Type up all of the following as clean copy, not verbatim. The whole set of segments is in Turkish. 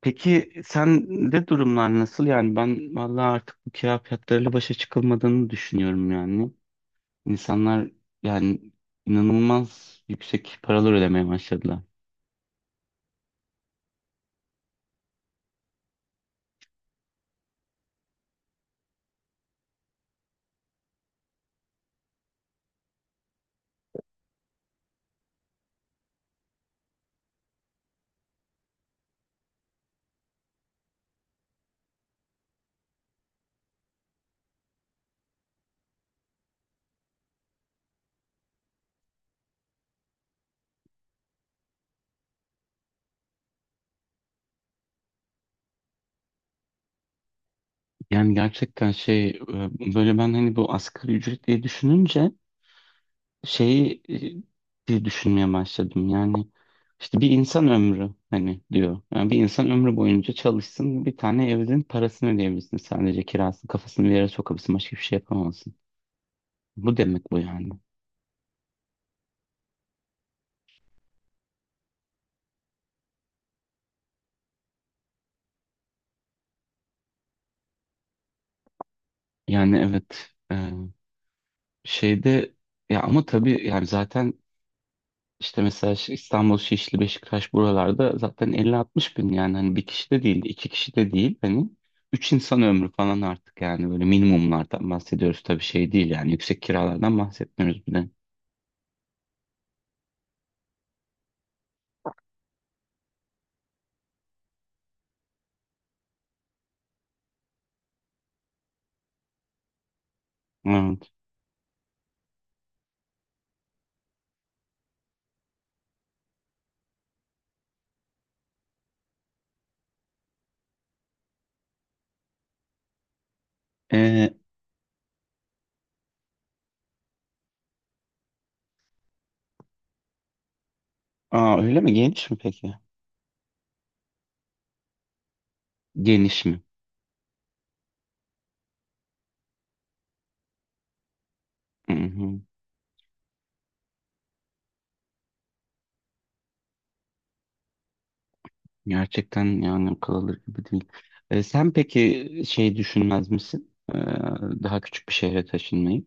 Peki sende durumlar nasıl? Yani ben vallahi artık bu kira fiyatlarıyla başa çıkılmadığını düşünüyorum yani. İnsanlar, yani, inanılmaz yüksek paralar ödemeye başladılar. Yani gerçekten böyle ben hani bu asgari ücret diye düşününce diye düşünmeye başladım. Yani işte bir insan ömrü hani diyor. Yani bir insan ömrü boyunca çalışsın, bir tane evin parasını ödeyebilsin, sadece kirasını, kafasını bir yere sokabilsin, başka bir şey yapamazsın. Bu demek bu yani. Yani evet, şeyde, ya ama tabii yani zaten işte mesela İstanbul, Şişli, Beşiktaş buralarda zaten 50-60 bin, yani hani bir kişi de değil, iki kişi de değil, hani üç insan ömrü falan artık. Yani böyle minimumlardan bahsediyoruz, tabii şey değil, yani yüksek kiralardan bahsetmiyoruz bile. Evet. E, aa, öyle mi? Geniş mi peki? Geniş mi? Hı hı. Gerçekten yani akıl alır gibi değil. Sen peki şey düşünmez misin? Daha küçük bir şehre taşınmayı?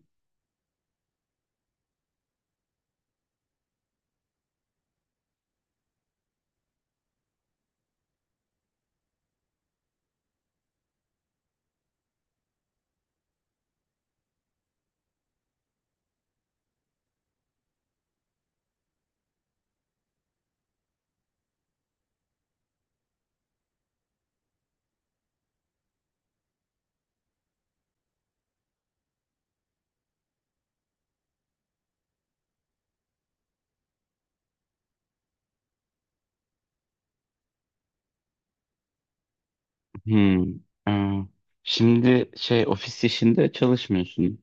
Hmm. Aa, şimdi şey, ofis işinde çalışmıyorsun.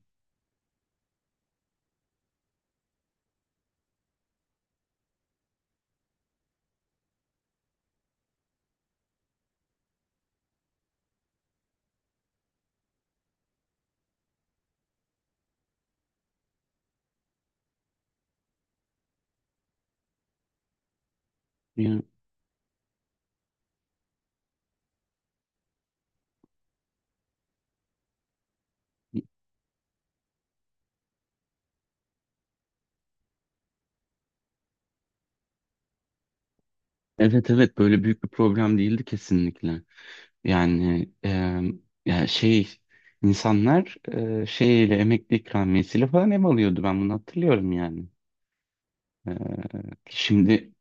Ya, evet evet, böyle büyük bir problem değildi kesinlikle. Yani ya şey, insanlar, şeyle, emekli ikramiyesiyle falan ev alıyordu, ben bunu hatırlıyorum yani. E, Şimdi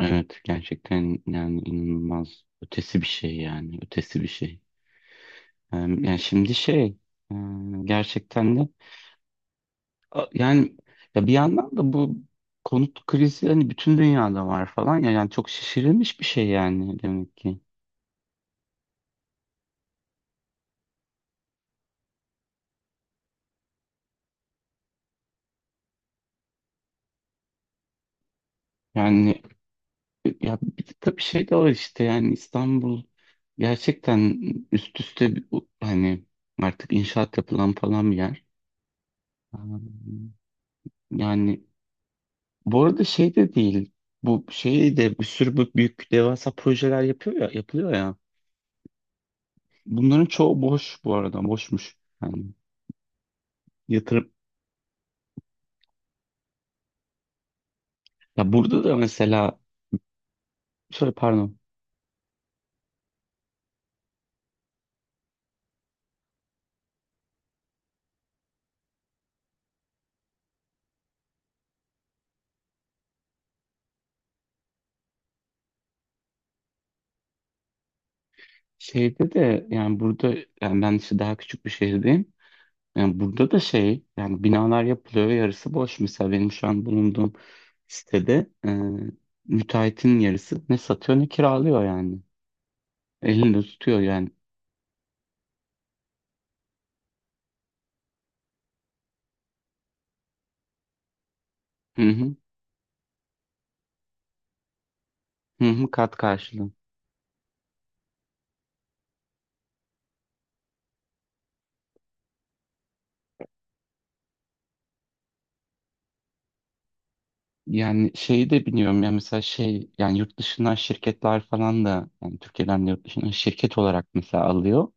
evet, gerçekten yani inanılmaz ötesi bir şey yani, ötesi bir şey. Yani şimdi şey, e, gerçekten de. Yani ya bir yandan da bu konut krizi hani bütün dünyada var falan ya, yani çok şişirilmiş bir şey yani demek ki. Yani ya bir de tabii şey de var, işte yani İstanbul gerçekten üst üste hani artık inşaat yapılan falan bir yer. Yani bu arada şey de değil. Bu şey de, bir sürü bu büyük devasa projeler yapıyor ya, yapılıyor ya. Bunların çoğu boş bu arada, boşmuş. Yani yatırım, ya burada da mesela, Şöyle pardon. Şeyde de yani burada, yani ben işte daha küçük bir şehirdeyim. Yani burada da şey, yani binalar yapılıyor ve yarısı boş. Mesela benim şu an bulunduğum sitede, müteahhitin yarısı ne satıyor ne kiralıyor yani. Elinde tutuyor yani. Hı hı, hı hı, kat karşılığı. Yani şeyi de biliyorum ya, mesela şey yani yurt dışından şirketler falan da, yani Türkiye'den de yurt dışından şirket olarak mesela alıyor.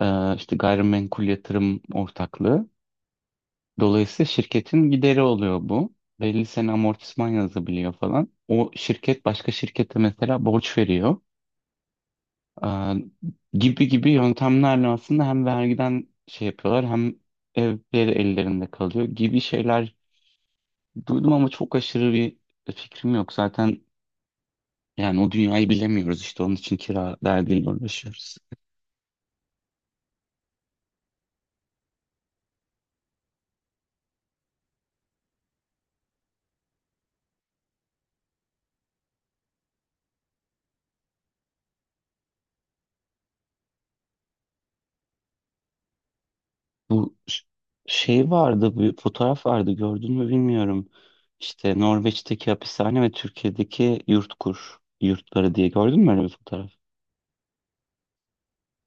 İşte gayrimenkul yatırım ortaklığı. Dolayısıyla şirketin gideri oluyor bu. Belli sene amortisman yazabiliyor falan. O şirket başka şirkete mesela borç veriyor. Aa, gibi gibi yöntemlerle aslında hem vergiden şey yapıyorlar, hem evleri ellerinde kalıyor gibi şeyler duydum ama çok aşırı bir fikrim yok. Zaten yani o dünyayı bilemiyoruz, işte onun için kira derdiyle uğraşıyoruz. Bu ş- Şey vardı, bir fotoğraf vardı, gördün mü bilmiyorum. İşte Norveç'teki hapishane ve Türkiye'deki YurtKur yurtları diye, gördün mü öyle bir fotoğraf?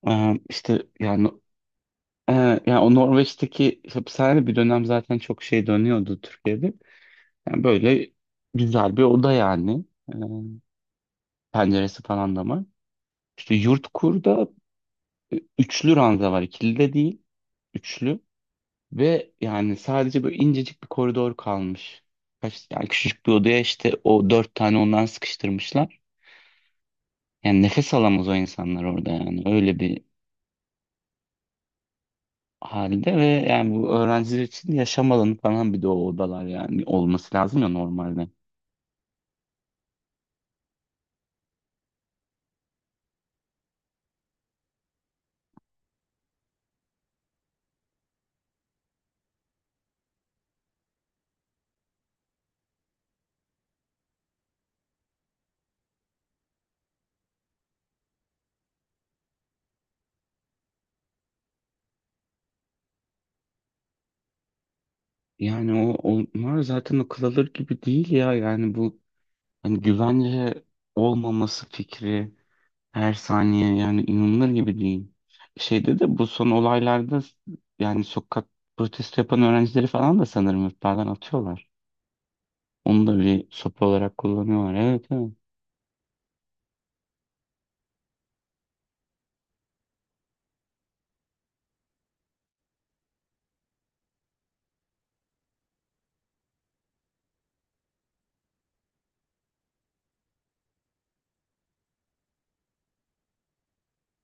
İşte yani, e, yani o Norveç'teki hapishane bir dönem zaten çok şey dönüyordu Türkiye'de. Yani böyle güzel bir oda yani. Ee, penceresi falan da var. İşte YurtKur'da üçlü ranza var, ikili de değil, üçlü. Ve yani sadece böyle incecik bir koridor kalmış. Kaç, yani küçücük bir odaya işte o dört tane ondan sıkıştırmışlar. Yani nefes alamaz o insanlar orada yani, öyle bir halde. Ve yani bu, öğrenciler için yaşam alanı falan bir de o odalar yani, olması lazım ya normalde. Yani o onlar zaten akıl alır gibi değil ya, yani bu hani güvence olmaması fikri, her saniye, yani inanılır gibi değil. Şeyde de bu son olaylarda yani, sokak protesto yapan öğrencileri falan da sanırım yurtlardan atıyorlar. Onu da bir sopa olarak kullanıyorlar. Evet evet.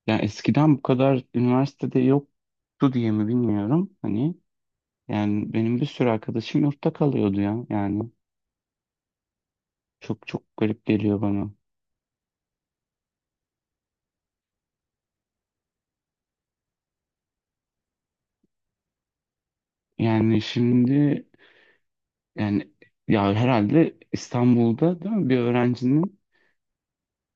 Yani eskiden bu kadar üniversitede yoktu diye mi bilmiyorum. Hani yani benim bir sürü arkadaşım yurtta kalıyordu ya. Yani çok çok garip geliyor bana. Yani şimdi yani, ya herhalde İstanbul'da değil mi bir öğrencinin.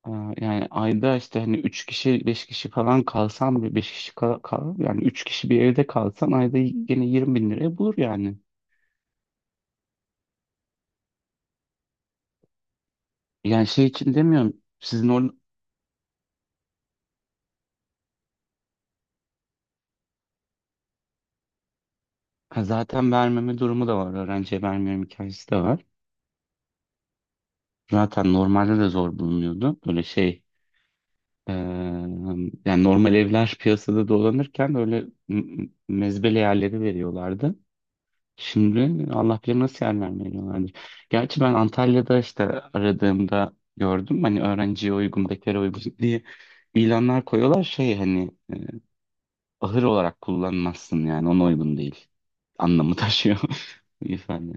Aa, yani ayda, işte hani 3 kişi 5 kişi falan kalsam, bir 5 kişi yani 3 kişi bir evde kalsan ayda gene 20 bin liraya bulur yani. Yani şey için demiyorum, sizin orada. Ha, zaten vermeme durumu da var, öğrenciye vermiyorum hikayesi de var. Zaten normalde de zor bulunuyordu böyle şey, eee, yani normal evler piyasada dolanırken öyle mezbele yerleri veriyorlardı. Şimdi Allah bilir nasıl yer vermiyorlardır. Gerçi ben Antalya'da işte aradığımda gördüm. Hani öğrenciye uygun, bekara uygun diye ilanlar koyuyorlar. Şey hani, ahır olarak kullanmazsın, yani ona uygun değil. Anlamı taşıyor ifade.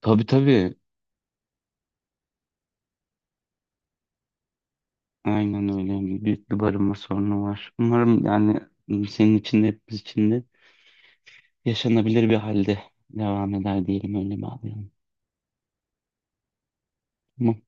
Tabii tabii. Aynen öyle. Hani büyük bir barınma sorunu var. Umarım yani senin için de, hepimiz için de yaşanabilir bir halde devam eder, diyelim, öyle bağlayalım. Tamam.